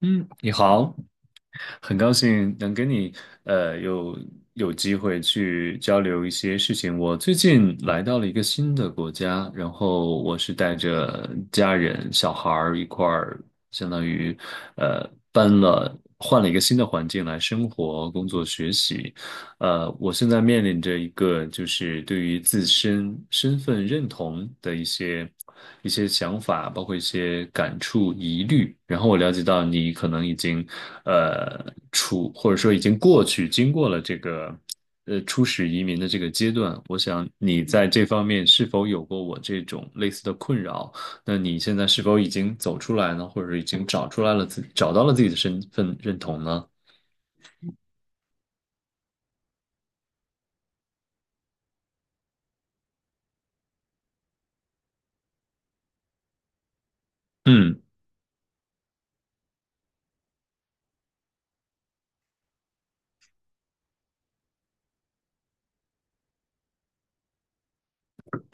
嗯，你好，很高兴能跟你呃有有机会去交流一些事情。我最近来到了一个新的国家，然后我是带着家人、小孩儿一块儿，相当于呃搬了换了一个新的环境来生活、工作、学习。我现在面临着一个就是对于自身身份认同的一些想法，包括一些感触、疑虑。然后我了解到你可能已经或者说已经过去，经过了这个初始移民的这个阶段。我想你在这方面是否有过我这种类似的困扰？那你现在是否已经走出来呢？或者已经找到了自己的身份认同呢？嗯。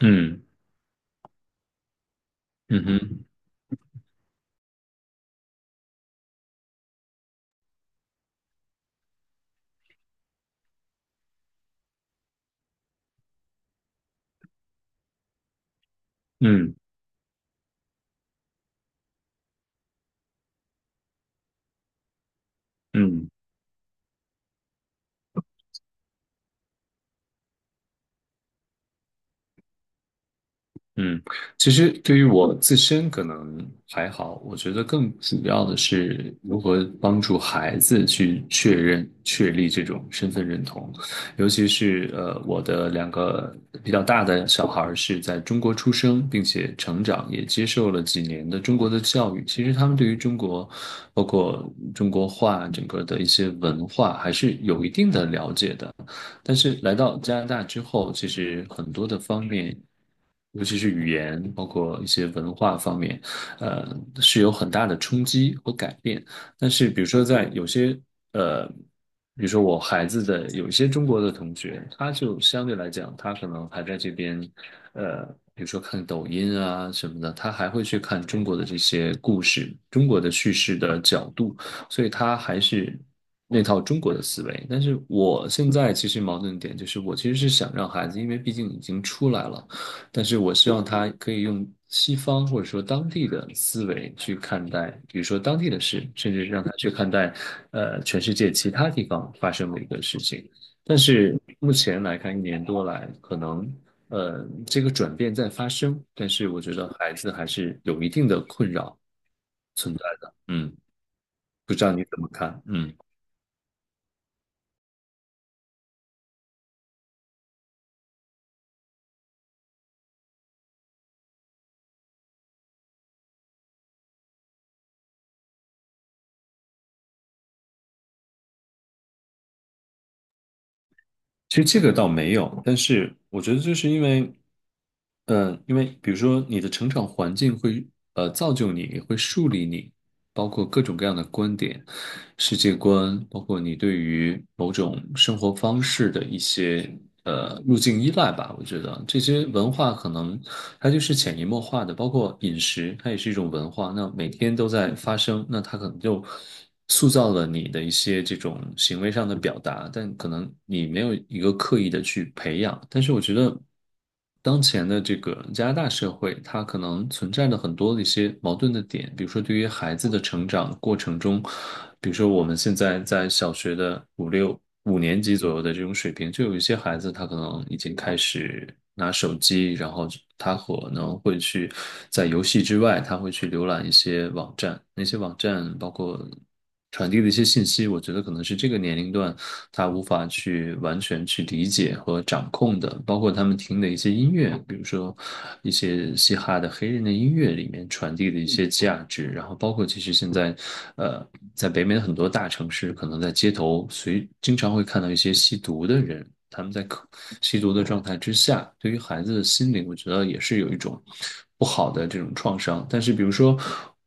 嗯。嗯哼。嗯。嗯。嗯。其实对于我自身可能还好，我觉得更主要的是如何帮助孩子去确认、确立这种身份认同，尤其是我的两个比较大的小孩儿是在中国出生，并且成长，也接受了几年的中国的教育。其实他们对于中国，包括中国话整个的一些文化，还是有一定的了解的。但是来到加拿大之后，其实很多的方面，尤其是语言，包括一些文化方面，呃，是有很大的冲击和改变。但是，呃，比如说我孩子的有一些中国的同学，他就相对来讲，他可能还在这边，呃，比如说看抖音啊什么的，他还会去看中国的这些故事，中国的叙事的角度。所以他还是那套中国的思维。但是我现在其实矛盾点就是，我其实是想让孩子，因为毕竟已经出来了，但是我希望他可以用西方或者说当地的思维去看待，比如说当地的事，甚至是让他去看待，全世界其他地方发生的一个事情。但是目前来看，一年多来，可能这个转变在发生，但是我觉得孩子还是有一定的困扰存在的。嗯。不知道你怎么看？嗯，其实这个倒没有，但是我觉得就是因为，因为比如说你的成长环境会造就你，会树立你，包括各种各样的观点、世界观，包括你对于某种生活方式的一些路径依赖吧。我觉得这些文化可能它就是潜移默化的，包括饮食，它也是一种文化。那每天都在发生，那它可能就塑造了你的一些这种行为上的表达，但可能你没有一个刻意的去培养。但是我觉得，当前的这个加拿大社会，它可能存在着很多的一些矛盾的点，比如说对于孩子的成长过程中，比如说我们现在在小学的五年级左右的这种水平，就有一些孩子他可能已经开始拿手机，然后他可能会去在游戏之外，他会去浏览一些网站，那些网站包括传递的一些信息，我觉得可能是这个年龄段他无法去完全去理解和掌控的，包括他们听的一些音乐，比如说一些嘻哈的黑人的音乐里面传递的一些价值，然后包括其实现在，呃，在北美的很多大城市，可能在街头随经常会看到一些吸毒的人，他们在吸毒的状态之下，对于孩子的心灵，我觉得也是有一种不好的这种创伤。但是，比如说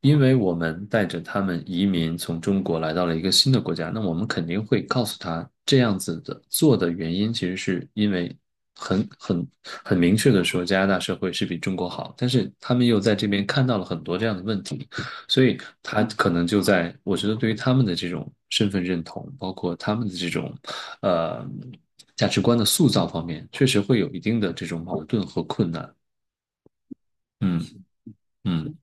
因为我们带着他们移民从中国来到了一个新的国家，那我们肯定会告诉他这样子的做的原因，其实是因为很很很明确的说，加拿大社会是比中国好，但是他们又在这边看到了很多这样的问题，所以他可能就在，我觉得对于他们的这种身份认同，包括他们的这种呃价值观的塑造方面，确实会有一定的这种矛盾和困难。嗯。嗯，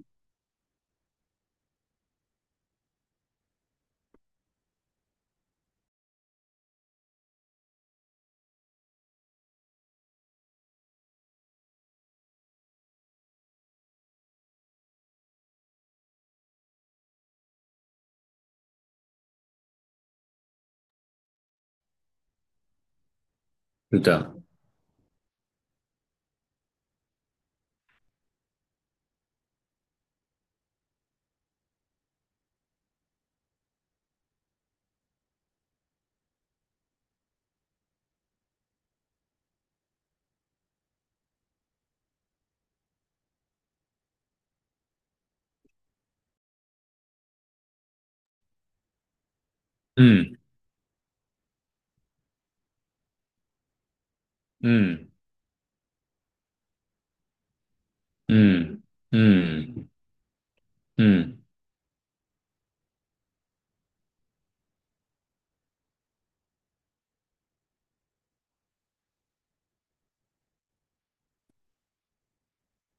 是的。嗯。嗯。嗯。嗯。嗯。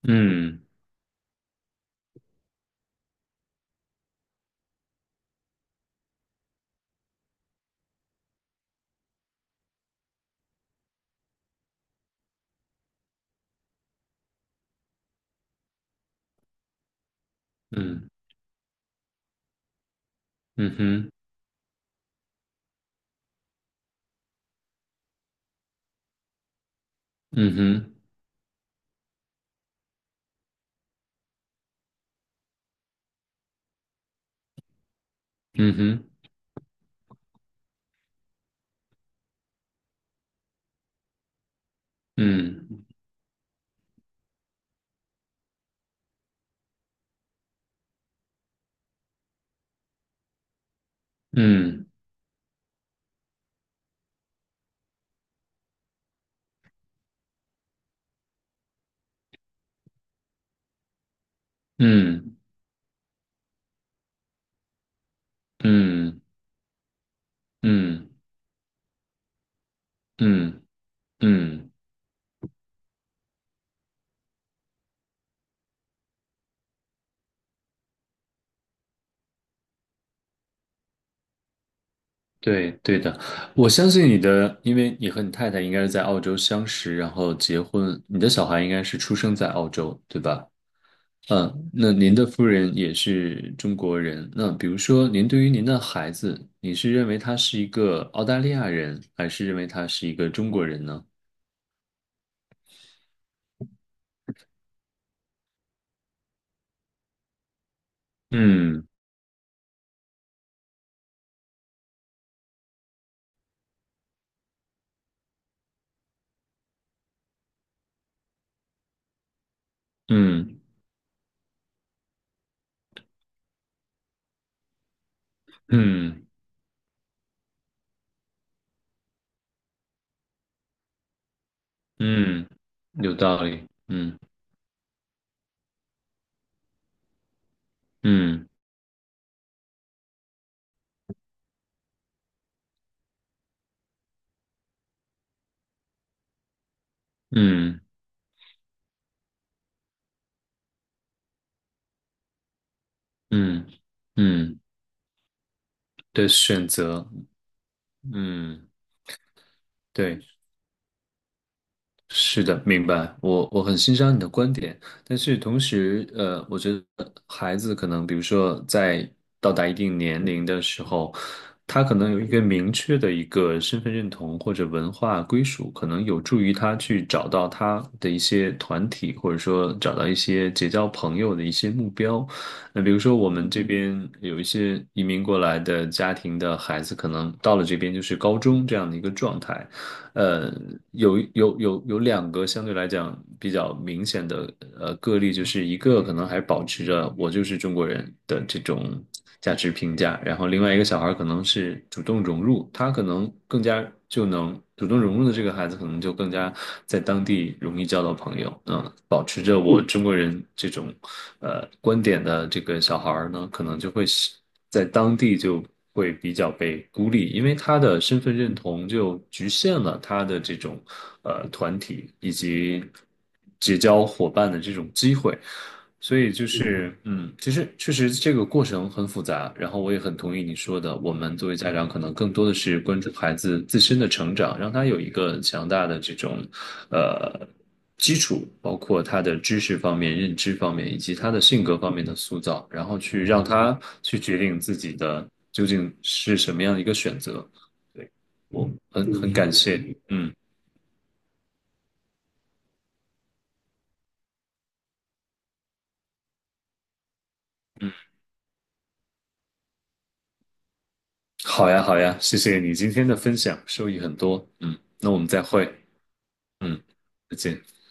嗯。嗯。嗯哼。嗯哼。嗯哼。嗯。嗯。嗯。嗯。嗯。嗯。嗯，对对的，我相信你的，因为你和你太太应该是在澳洲相识，然后结婚，你的小孩应该是出生在澳洲，对吧？嗯，那您的夫人也是中国人，那比如说，您对于您的孩子，你是认为他是一个澳大利亚人，还是认为他是一个中国人呢？嗯。嗯。嗯。嗯，有道理。嗯。嗯。嗯。嗯。嗯的选择，嗯，对。是的，明白。我我很欣赏你的观点，但是同时，我觉得孩子可能，比如说在到达一定年龄的时候，他可能有一个明确的一个身份认同或者文化归属，可能有助于他去找到他的一些团体，或者说找到一些结交朋友的一些目标。那比如说我们这边有一些移民过来的家庭的孩子，可能到了这边就是高中这样的一个状态。呃，有两个相对来讲比较明显的个例，就是一个可能还保持着我就是中国人的这种价值评价，然后另外一个小孩可能是主动融入，他可能更加就能主动融入的这个孩子，可能就更加在当地容易交到朋友，嗯，保持着我中国人这种观点的这个小孩呢，可能就会是在当地就会比较被孤立，因为他的身份认同就局限了他的这种团体以及结交伙伴的这种机会。所以就是，嗯，其实确实这个过程很复杂，然后我也很同意你说的，我们作为家长可能更多的是关注孩子自身的成长，让他有一个强大的这种，呃。基础，包括他的知识方面、认知方面，以及他的性格方面的塑造，然后去让他去决定自己的究竟是什么样的一个选择。对，我很感谢，嗯，好呀，好呀，谢谢你今天的分享，受益很多，嗯，那我们再会，嗯，再见。